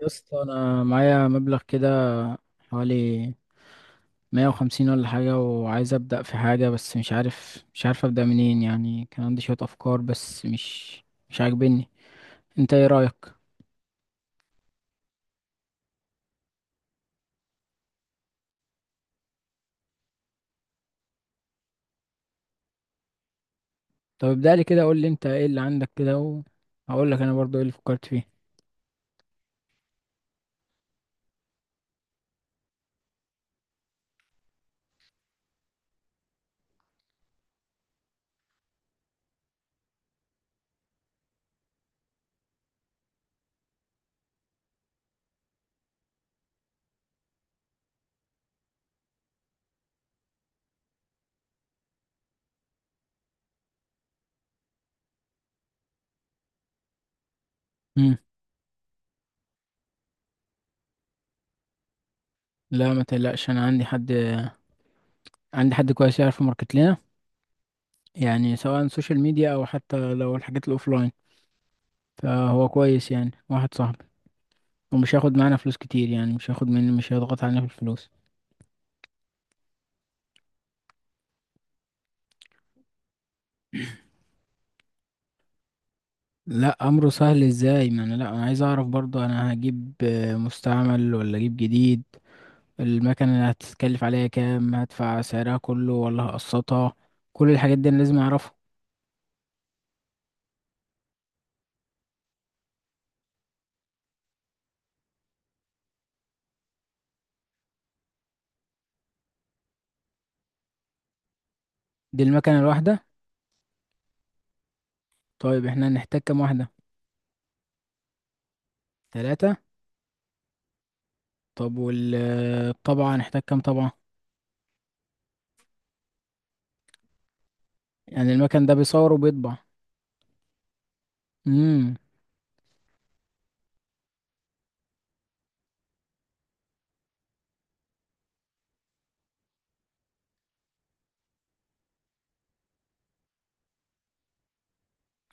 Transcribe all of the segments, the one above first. يا اسطى انا معايا مبلغ كده، حوالي 150 ولا حاجة، وعايز ابدأ في حاجة بس مش عارف ابدأ منين. يعني كان عندي شوية افكار بس مش عاجبني. انت ايه رأيك؟ طب ابدأ لي كده، قول لي انت ايه اللي عندك كده، وهقول لك انا برضو ايه اللي فكرت فيه. امم. لا ما تقلقش، انا عندي حد، عندي حد كويس يعرف ماركت لنا. يعني سواء سوشيال ميديا او حتى لو الحاجات الاوفلاين، فهو كويس يعني، واحد صاحبي. ومش هياخد معانا فلوس كتير، يعني مش هياخد مني، مش هيضغط علينا في الفلوس. لا امره سهل ازاي؟ ما انا، لا، انا عايز اعرف برضو انا هجيب مستعمل ولا اجيب جديد. المكنه اللي هتتكلف عليا كام؟ هدفع سعرها كله ولا هقسطها؟ كل الحاجات دي انا لازم اعرفها. دي المكنه الواحده؟ طيب احنا هنحتاج كام واحده؟ ثلاثة. طب والطبعة هنحتاج كام طبعة؟ يعني المكن ده بيصور وبيطبع؟ امم.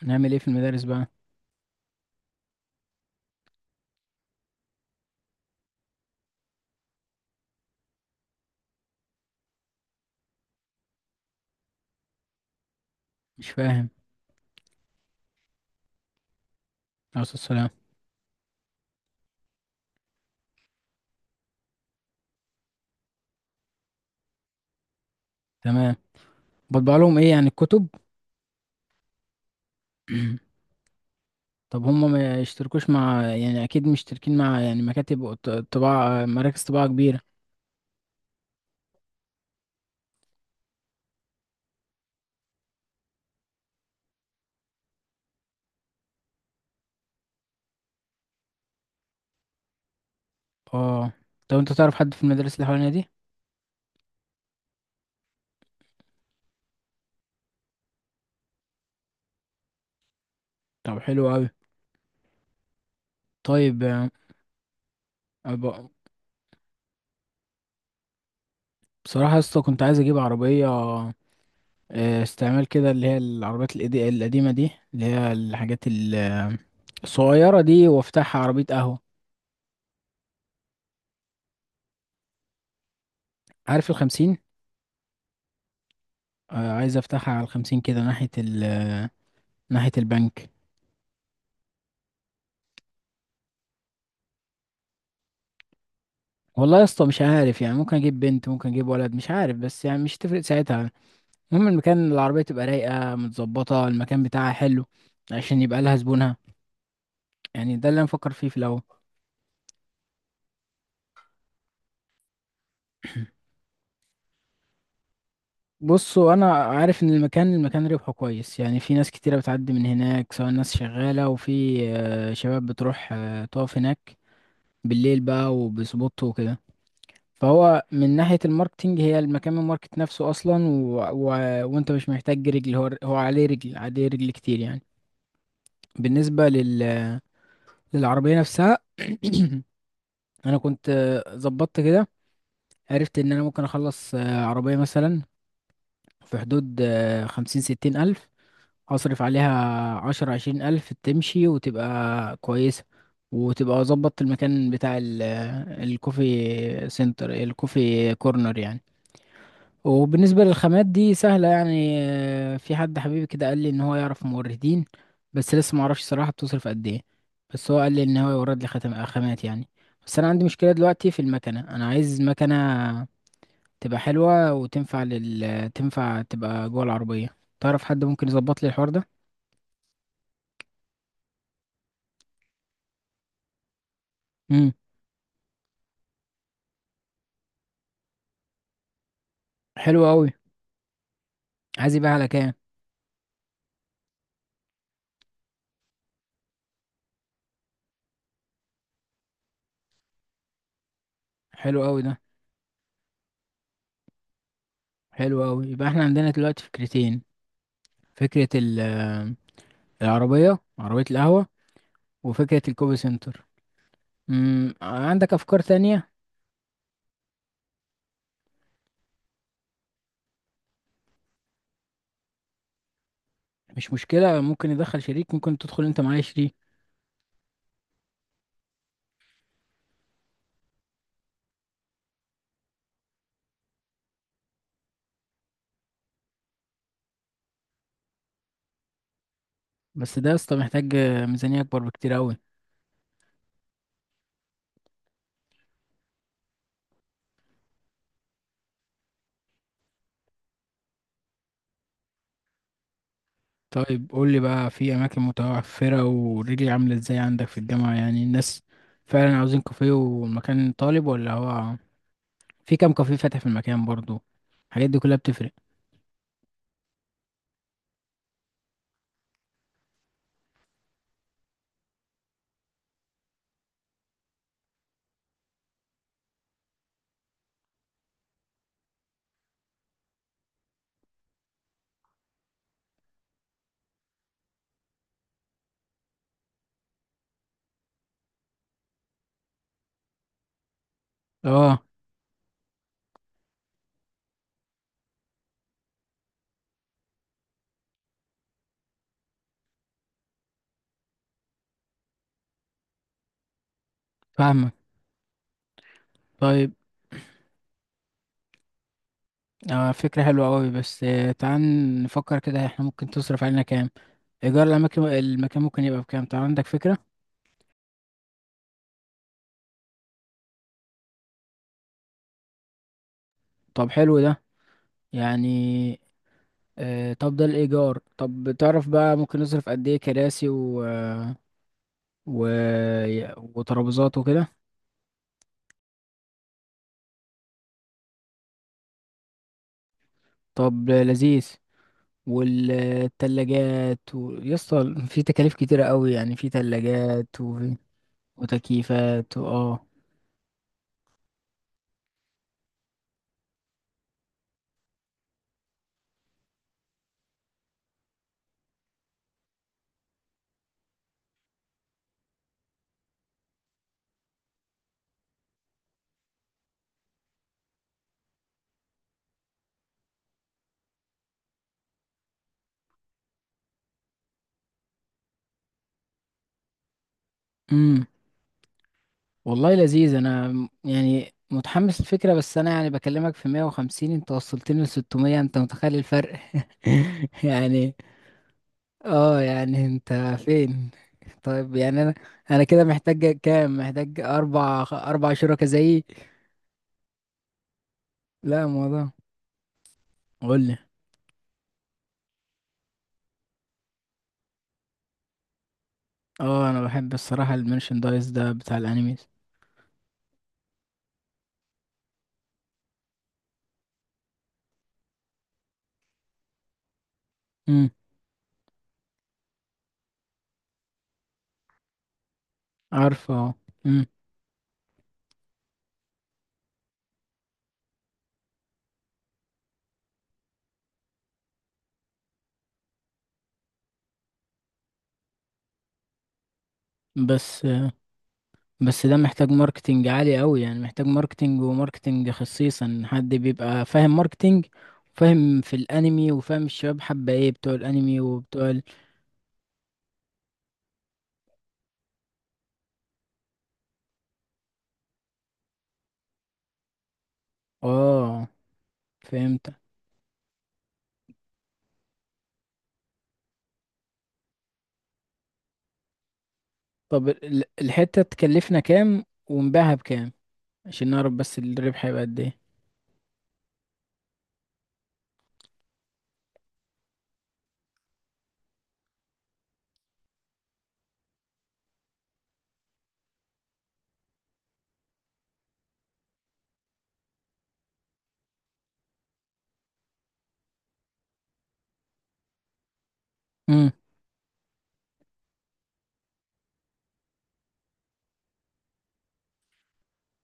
نعمل ايه في المدارس بقى؟ مش فاهم. عليه الصلاة والسلام. تمام. بطبع لهم ايه يعني، الكتب؟ طب هم ما يشتركوش مع، يعني اكيد مشتركين مع يعني مكاتب طباعة، مراكز طباعة كبيرة. اه. طب انت تعرف حد في المدارس اللي حوالينا دي؟ طب حلو قوي. طيب أب- بصراحة يا اسطى، كنت عايز اجيب عربية استعمال كده، اللي هي العربيات القديمة دي، اللي هي الحاجات الصغيرة دي، وافتحها عربية قهوة. عارف الخمسين؟ عايز افتحها على الخمسين كده، ناحية ال ناحية البنك. والله يا اسطى مش عارف، يعني ممكن اجيب بنت، ممكن اجيب ولد، مش عارف، بس يعني مش تفرق ساعتها. المهم المكان، العربية تبقى رايقة متظبطة، المكان بتاعها حلو، عشان يبقى لها زبونها. يعني ده اللي أنا مفكر فيه في الأول. بصوا، أنا عارف إن المكان ربحه كويس. يعني في ناس كتيرة بتعدي من هناك، سواء ناس شغالة، وفي شباب بتروح تقف هناك بالليل بقى وبسبوت وكده. فهو من ناحية الماركتينج هي المكان، من الماركت نفسه أصلا، وأنت مش محتاج رجل، هو عليه رجل، عليه رجل كتير يعني. بالنسبة للعربية نفسها. أنا كنت ظبطت كده، عرفت ان انا ممكن اخلص عربية مثلا في حدود خمسين ستين الف، اصرف عليها عشر عشرين الف، تمشي وتبقى كويسة، وتبقى ظبطت المكان بتاع الكوفي سنتر، الكوفي كورنر يعني. وبالنسبة للخامات دي سهلة يعني. في حد حبيبي كده قال لي ان هو يعرف موردين، بس لسه معرفش صراحة بتصرف قد ايه. بس هو قال لي ان هو يورد لي خاتم خامات يعني. بس انا عندي مشكلة دلوقتي في المكنة، انا عايز مكنة تبقى حلوة وتنفع تنفع تبقى جوه العربية. تعرف حد ممكن يظبط لي الحوار ده؟ امم. حلو قوي. عايز يبقى على كام؟ حلو قوي ده. حلو قوي. يبقى احنا عندنا دلوقتي فكرتين: فكرة العربية، عربية القهوة، وفكرة الكوبي سنتر. امم. عندك أفكار تانية؟ مش مشكلة، ممكن يدخل شريك، ممكن تدخل أنت معايا شريك. بس ده يا اسطى محتاج ميزانية أكبر بكتير أوي. طيب قول لي بقى في اماكن متوفره، ورجلي عامله ازاي عندك في الجامعه، يعني الناس فعلا عاوزين كافيه والمكان طالب، ولا هو في كام كافيه فاتح في المكان برضو؟ الحاجات دي كلها بتفرق. اه، فاهمك. طيب آه، فكره حلوه قوي. بس آه، تعال نفكر كده، احنا ممكن تصرف علينا كام؟ ايجار الاماكن، المكان ممكن يبقى بكام؟ طب عندك فكره. طب حلو ده. يعني آه، طب ده الايجار. طب تعرف بقى ممكن نصرف قد ايه كراسي و... وترابيزات وكده؟ طب لذيذ. والتلاجات يسطا في تكاليف كتيرة قوي يعني. في تلاجات وتكييفات اه. امم. والله لذيذ، انا يعني متحمس الفكرة. بس انا يعني بكلمك في 150، انت وصلتني ل 600! انت متخيل الفرق؟ يعني. اه يعني انت فين؟ طيب يعني انا، انا كده محتاج كام؟ محتاج اربع شركاء زيي. لا، الموضوع. قول لي. اه انا بحب الصراحة المرشندايز ده بتاع الانيميز. امم. عارفه. اه. امم. بس آه، بس ده محتاج ماركتينج عالي قوي. يعني محتاج ماركتينج، وماركتينج خصيصا حد بيبقى فاهم ماركتينج، وفاهم في الانمي، وفاهم الشباب حابة ايه، بتوع الانمي وبتوع اه، فهمت. طب الحتة تكلفنا كام ونبيعها بكام؟ عشان نعرف بس الربح هيبقى قد ايه. امم.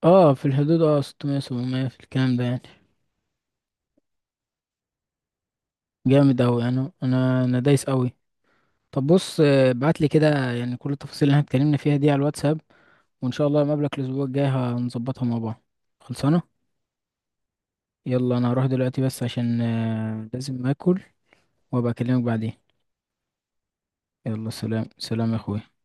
اه، في الحدود اه، 600، 700 في الكلام ده يعني. جامد اوي! انا دايس اوي. طب بص آه، ابعت لي كده يعني كل التفاصيل اللي احنا اتكلمنا فيها دي على الواتساب. وان شاء الله مقابلك الاسبوع الجاي هنظبطها مع بعض. خلصانه. يلا انا هروح دلوقتي بس، عشان آه، لازم اكل، وابقى اكلمك بعدين. يلا، سلام سلام يا اخوي.